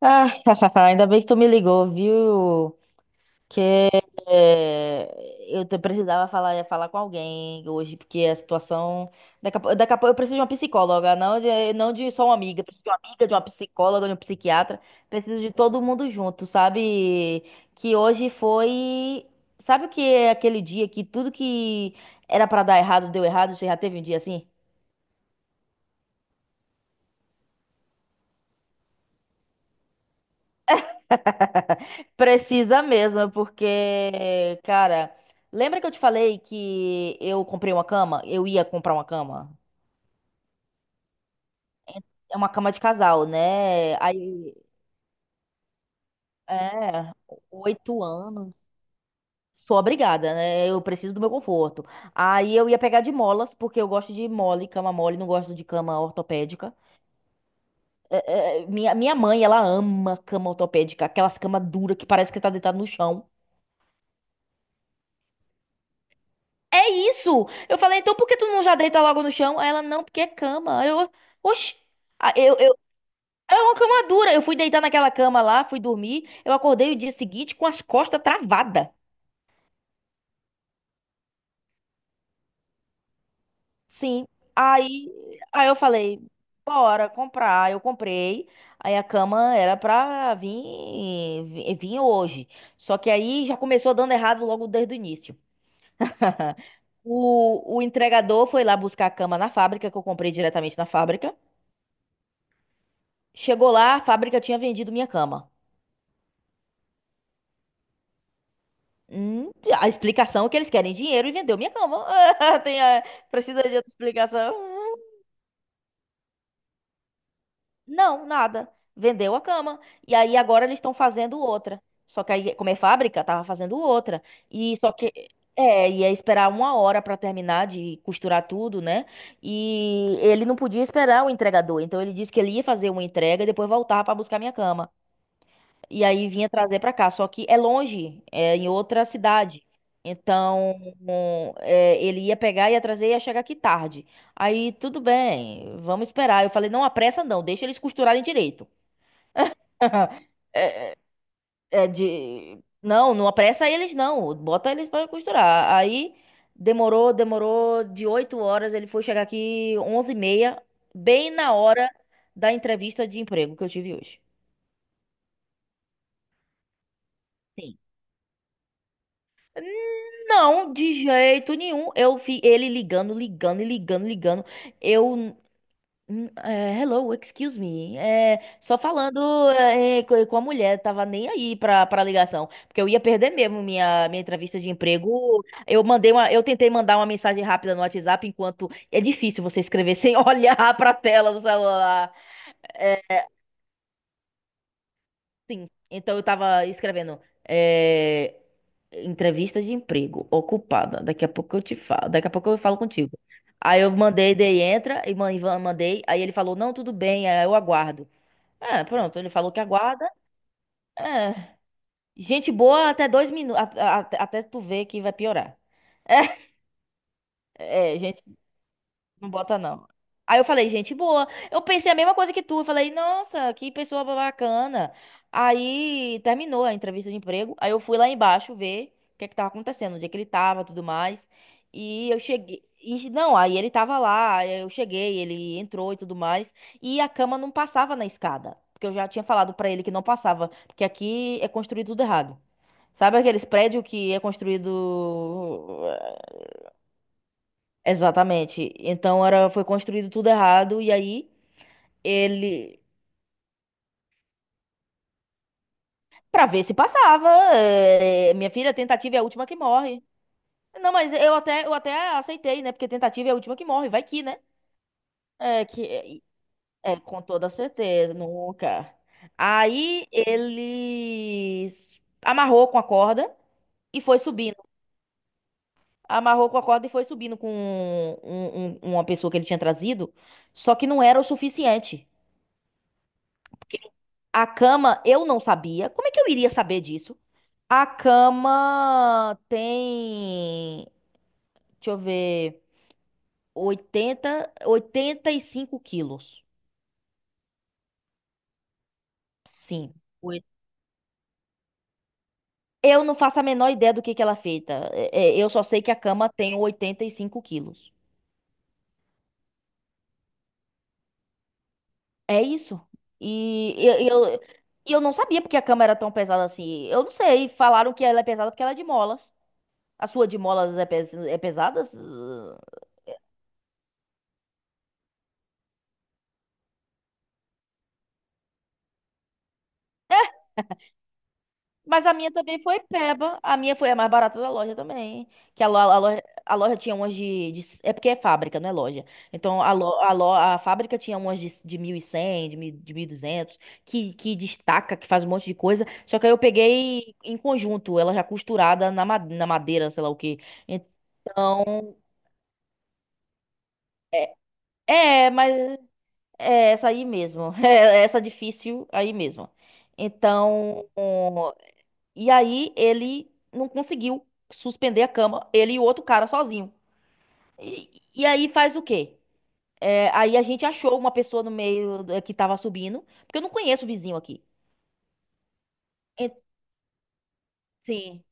Ah, ainda bem que tu me ligou, viu? Que eh, precisava falar com alguém hoje, porque a situação. Daqui a pouco eu preciso de uma psicóloga, não de só uma amiga. Eu preciso de uma amiga, de uma psicóloga, de um psiquiatra. Preciso de todo mundo junto, sabe? Que hoje foi. Sabe o que é aquele dia que tudo que era pra dar errado deu errado? Você já teve um dia assim? Precisa mesmo, porque, cara, lembra que eu te falei que eu comprei uma cama? Eu ia comprar uma cama? É uma cama de casal, né? Aí, é, 8 anos. Sou obrigada, né? Eu preciso do meu conforto. Aí eu ia pegar de molas, porque eu gosto de mole, cama mole, não gosto de cama ortopédica. Minha mãe, ela ama cama ortopédica, aquelas camas duras que parece que tá deitado no chão. É isso! Eu falei, então por que tu não já deita logo no chão? Aí ela, não, porque é cama. Aí oxi! Ah, Eu, eu, é uma cama dura. Eu fui deitar naquela cama lá, fui dormir. Eu acordei o dia seguinte com as costas travadas. Sim. Aí, aí eu falei, bora comprar. Aí eu comprei. Aí a cama era pra vir hoje. Só que aí já começou dando errado logo desde o início. O entregador foi lá buscar a cama na fábrica, que eu comprei diretamente na fábrica. Chegou lá, a fábrica tinha vendido minha cama. Hum, a explicação é que eles querem dinheiro e vendeu minha cama. Tem, precisa de outra explicação? Não, nada. Vendeu a cama. E aí agora eles estão fazendo outra. Só que aí, como é fábrica, tava fazendo outra. E só que. É, ia esperar uma hora pra terminar de costurar tudo, né? E ele não podia esperar o entregador. Então ele disse que ele ia fazer uma entrega e depois voltava pra buscar minha cama. E aí vinha trazer pra cá. Só que é longe, é em outra cidade. Então, ele ia pegar, ia trazer, ia chegar aqui tarde. Aí, tudo bem, vamos esperar. Eu falei, não apressa não, deixa eles costurarem direito. É, Não, não apressa eles não, bota eles pra costurar. Aí, demorou, demorou, de 8 horas, ele foi chegar aqui 11h30, bem na hora da entrevista de emprego que eu tive hoje. Sim. Não, de jeito nenhum. Eu vi ele ligando, ligando e ligando, ligando. Eu. Hello, excuse me. Só falando com a mulher, tava nem aí pra ligação. Porque eu ia perder mesmo minha entrevista de emprego. Eu mandei uma, eu tentei mandar uma mensagem rápida no WhatsApp, enquanto é difícil você escrever sem olhar pra tela do celular. É, sim. Então eu tava escrevendo. é, Entrevista de emprego, ocupada. Daqui a pouco eu te falo. Daqui a pouco eu falo contigo. Aí eu mandei, dei Ivan mandei. Aí ele falou, não, tudo bem, aí eu aguardo. É, pronto, ele falou que aguarda. É. Gente boa até 2 minutos, até tu ver que vai piorar. É, gente Não bota, não. Aí eu falei, gente boa. Eu pensei a mesma coisa que tu. Eu falei, nossa, que pessoa bacana. Aí terminou a entrevista de emprego. Aí eu fui lá embaixo ver o que é que tava acontecendo, onde é que ele tava, tudo mais. E eu cheguei. E, não, aí ele tava lá, aí eu cheguei, ele entrou e tudo mais. E a cama não passava na escada. Porque eu já tinha falado pra ele que não passava. Porque aqui é construído tudo errado. Sabe aqueles prédios que é construído. Exatamente. Então era, foi construído tudo errado e aí ele, pra ver se passava, minha filha, tentativa é a última que morre. Não, mas eu até aceitei, né? Porque tentativa é a última que morre, vai que, né? É que é, com toda certeza, nunca. Aí ele amarrou com a corda e foi subindo. Amarrou com a corda e foi subindo com uma pessoa que ele tinha trazido, só que não era o suficiente. A cama, eu não sabia. Como é que eu iria saber disso? A cama tem, deixa eu ver, 85 quilos. Sim. Oi. Eu não faço a menor ideia do que ela é feita. Eu só sei que a cama tem 85 quilos. É isso. E eu, eu, e eu não sabia porque a cama era tão pesada assim. Eu não sei. Falaram que ela é pesada porque ela é de molas. A sua de molas é pesada? Mas a minha também foi peba. A minha foi a mais barata da loja também. Que a loja tinha É porque é fábrica, não é loja. Então a fábrica tinha umas de 1.100, de 1.200 que destaca, que faz um monte de coisa. Só que aí eu peguei em conjunto, ela já costurada na, na madeira, sei lá o quê. Então. É, mas. É essa aí mesmo. É essa difícil aí mesmo. Então. E aí ele não conseguiu suspender a cama, ele e o outro cara sozinho. E aí faz o quê? É, aí a gente achou uma pessoa no meio que tava subindo, porque eu não conheço o vizinho aqui. E- sim.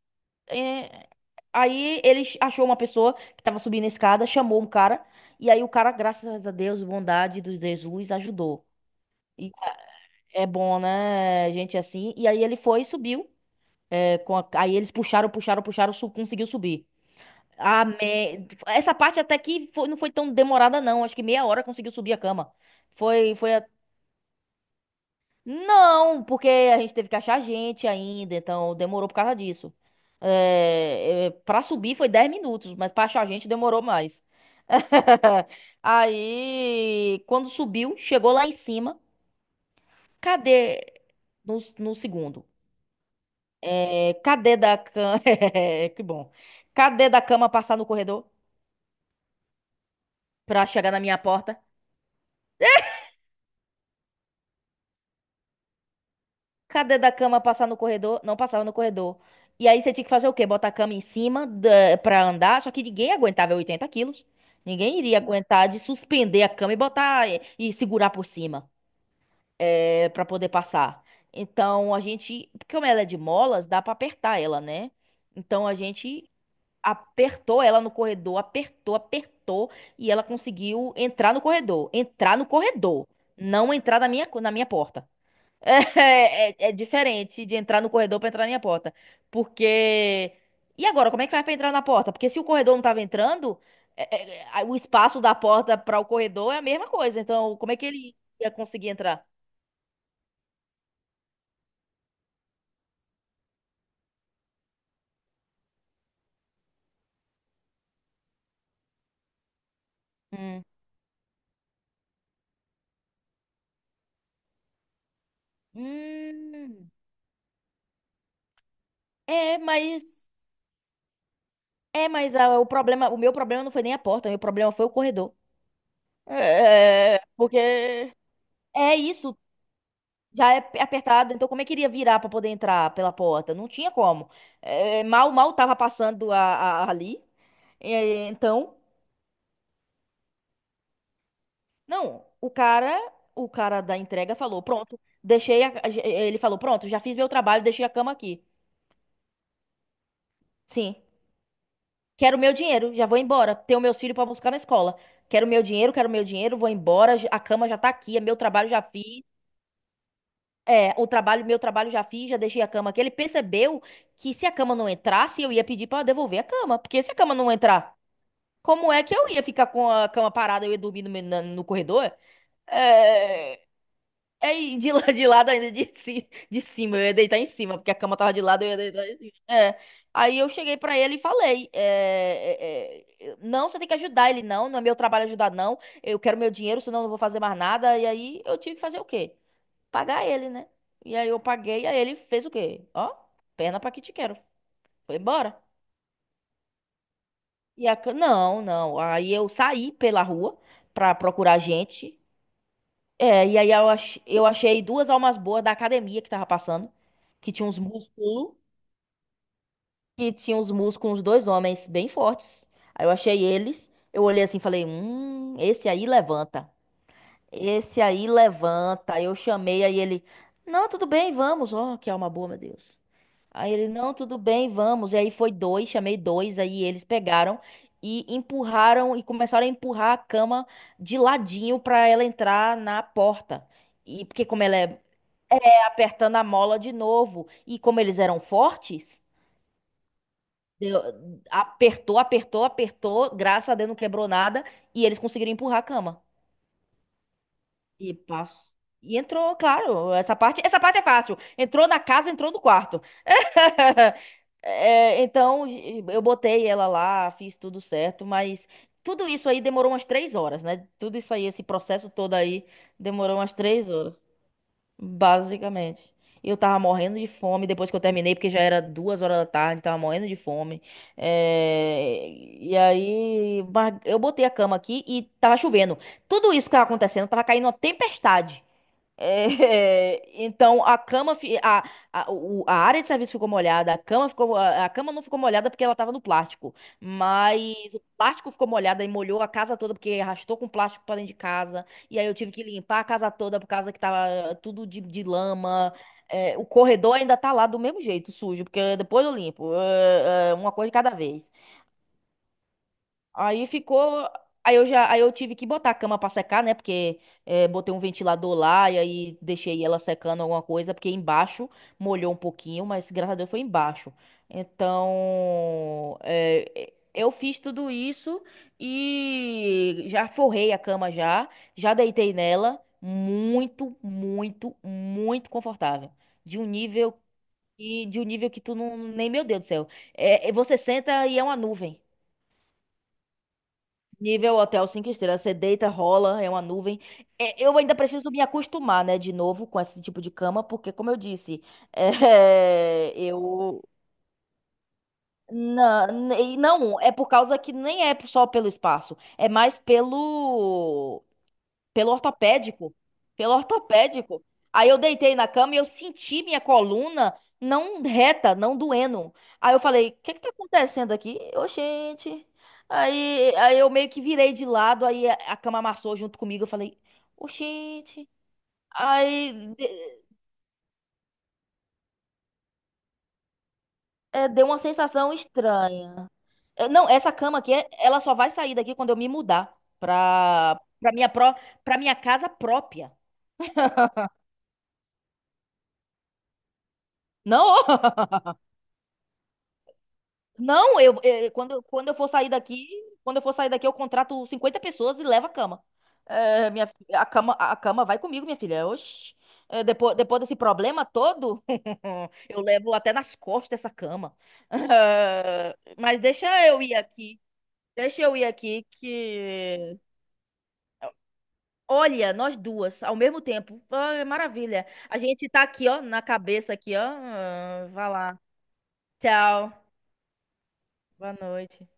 É, aí achou uma pessoa que tava subindo a escada, chamou um cara, e aí o cara, graças a Deus, bondade do Jesus, ajudou. E é bom, né, gente, assim. E aí ele foi e subiu. Aí eles puxaram, puxaram, puxaram, conseguiu subir. Essa parte até que não foi tão demorada, não. Acho que meia hora conseguiu subir a cama. Foi, foi a- Não, porque a gente teve que achar gente ainda, então demorou por causa disso. Pra subir foi 10 minutos, mas pra achar gente demorou mais. Aí, quando subiu, chegou lá em cima. Cadê? No segundo. É... Cadê da cama? Que bom. Cadê da cama passar no corredor pra chegar na minha porta? Cadê da cama passar no corredor? Não passava no corredor. E aí você tinha que fazer o quê? Botar a cama em cima pra andar, só que ninguém aguentava 80 quilos. Ninguém iria aguentar de suspender a cama e e segurar por cima para poder passar. Então a gente, porque como ela é de molas, dá pra apertar ela, né? Então a gente apertou ela no corredor, apertou, apertou e ela conseguiu entrar no corredor, não entrar na minha porta. É diferente de entrar no corredor pra entrar na minha porta. Porque. E agora, como é que faz pra entrar na porta? Porque se o corredor não tava entrando, o espaço da porta pra o corredor é a mesma coisa. Então, como é que ele ia conseguir entrar? Hum. Hum. É, mas. É, mas ah, o meu problema não foi nem a porta, o meu problema foi o corredor. É, porque. É isso, já é apertado, então como é que iria virar para poder entrar pela porta? Não tinha como. Mal tava passando ali. É, então, não, o cara da entrega falou, pronto, deixei ele falou, pronto, já fiz meu trabalho, deixei a cama aqui. Sim. Quero meu dinheiro, já vou embora. Tenho meus filhos para buscar na escola. Quero meu dinheiro, vou embora, a cama já tá aqui, é meu trabalho já fiz. É, meu trabalho já fiz, já deixei a cama aqui. Ele percebeu que se a cama não entrasse, eu ia pedir pra devolver a cama. Porque se a cama não entrar, como é que eu ia ficar com a cama parada, eu ia dormir no corredor? É, é de lado ainda, de cima, eu ia deitar em cima, porque a cama tava de lado, eu ia deitar em cima. É. Aí eu cheguei pra ele e falei: Não, você tem que ajudar ele, não. Não é meu trabalho ajudar, não. Eu quero meu dinheiro, senão eu não vou fazer mais nada. E aí eu tive que fazer o quê? Pagar ele, né? E aí eu paguei, aí ele fez o quê? Ó, perna pra que te quero. Foi embora. Não, não. Aí eu saí pela rua pra procurar gente. É, e aí eu achei duas almas boas da academia que tava passando, que tinha uns músculos, uns dois homens bem fortes. Aí eu achei eles, eu olhei assim e falei, esse aí levanta. Esse aí levanta. Aí eu chamei, aí ele, não, tudo bem, vamos. Ó, que alma boa, meu Deus. Aí ele, não, tudo bem, vamos. E aí foi dois, chamei dois, aí eles pegaram e empurraram e começaram a empurrar a cama de ladinho pra ela entrar na porta. E porque como ela é apertando a mola de novo, e como eles eram fortes, deu- apertou, apertou, apertou, graças a Deus não quebrou nada, e eles conseguiram empurrar a cama. E passo. E entrou, claro, essa parte é fácil. Entrou na casa, entrou no quarto. É, então eu botei ela lá, fiz tudo certo, mas tudo isso aí demorou umas 3 horas, né? Tudo isso aí, esse processo todo aí, demorou umas três horas, basicamente. Eu tava morrendo de fome depois que eu terminei, porque já era 2 horas da tarde, tava morrendo de fome. É, e aí, mas eu botei a cama aqui e tava chovendo. Tudo isso que tava acontecendo, tava caindo uma tempestade. É, então a cama, a área de serviço ficou molhada, a cama não ficou molhada porque ela tava no plástico, mas o plástico ficou molhado e molhou a casa toda porque arrastou com plástico para dentro de casa. E aí eu tive que limpar a casa toda por causa que tava tudo de lama. É, o corredor ainda tá lá do mesmo jeito, sujo, porque depois eu limpo, É, uma coisa de cada vez. Aí ficou. Aí eu tive que botar a cama pra secar, né? Porque botei um ventilador lá e aí deixei ela secando alguma coisa, porque embaixo molhou um pouquinho, mas graças a Deus foi embaixo. Então, eu fiz tudo isso e já forrei a cama já, já deitei nela, muito, muito, muito confortável, de um nível de um nível que tu não, nem meu Deus do céu. É, você senta e é uma nuvem. Nível hotel 5 estrelas, você deita, rola, é uma nuvem. É, eu ainda preciso me acostumar, né, de novo com esse tipo de cama, porque, como eu disse, é, eu. Não, não, é por causa que nem é só pelo espaço, é mais pelo. Pelo ortopédico. Pelo ortopédico. Aí eu deitei na cama e eu senti minha coluna não reta, não doendo. Aí eu falei, o que que tá acontecendo aqui? Ô, gente. Aí, eu meio que virei de lado, aí a cama amassou junto comigo. Eu falei, ô, gente. Aí é, deu uma sensação estranha. É, não, essa cama aqui, ela só vai sair daqui quando eu me mudar pra, pra minha pró, pra minha casa própria. Não, Não, eu, quando eu for sair daqui, eu contrato 50 pessoas e levo a cama. A cama vai comigo, minha filha. Oxi. Depois desse problema todo, eu levo até nas costas essa cama. Mas deixa eu ir aqui. Deixa eu ir aqui que. Olha, nós duas, ao mesmo tempo. Ah, maravilha. A gente tá aqui, ó, na cabeça aqui, ó. Ah, vai lá. Tchau. Boa noite.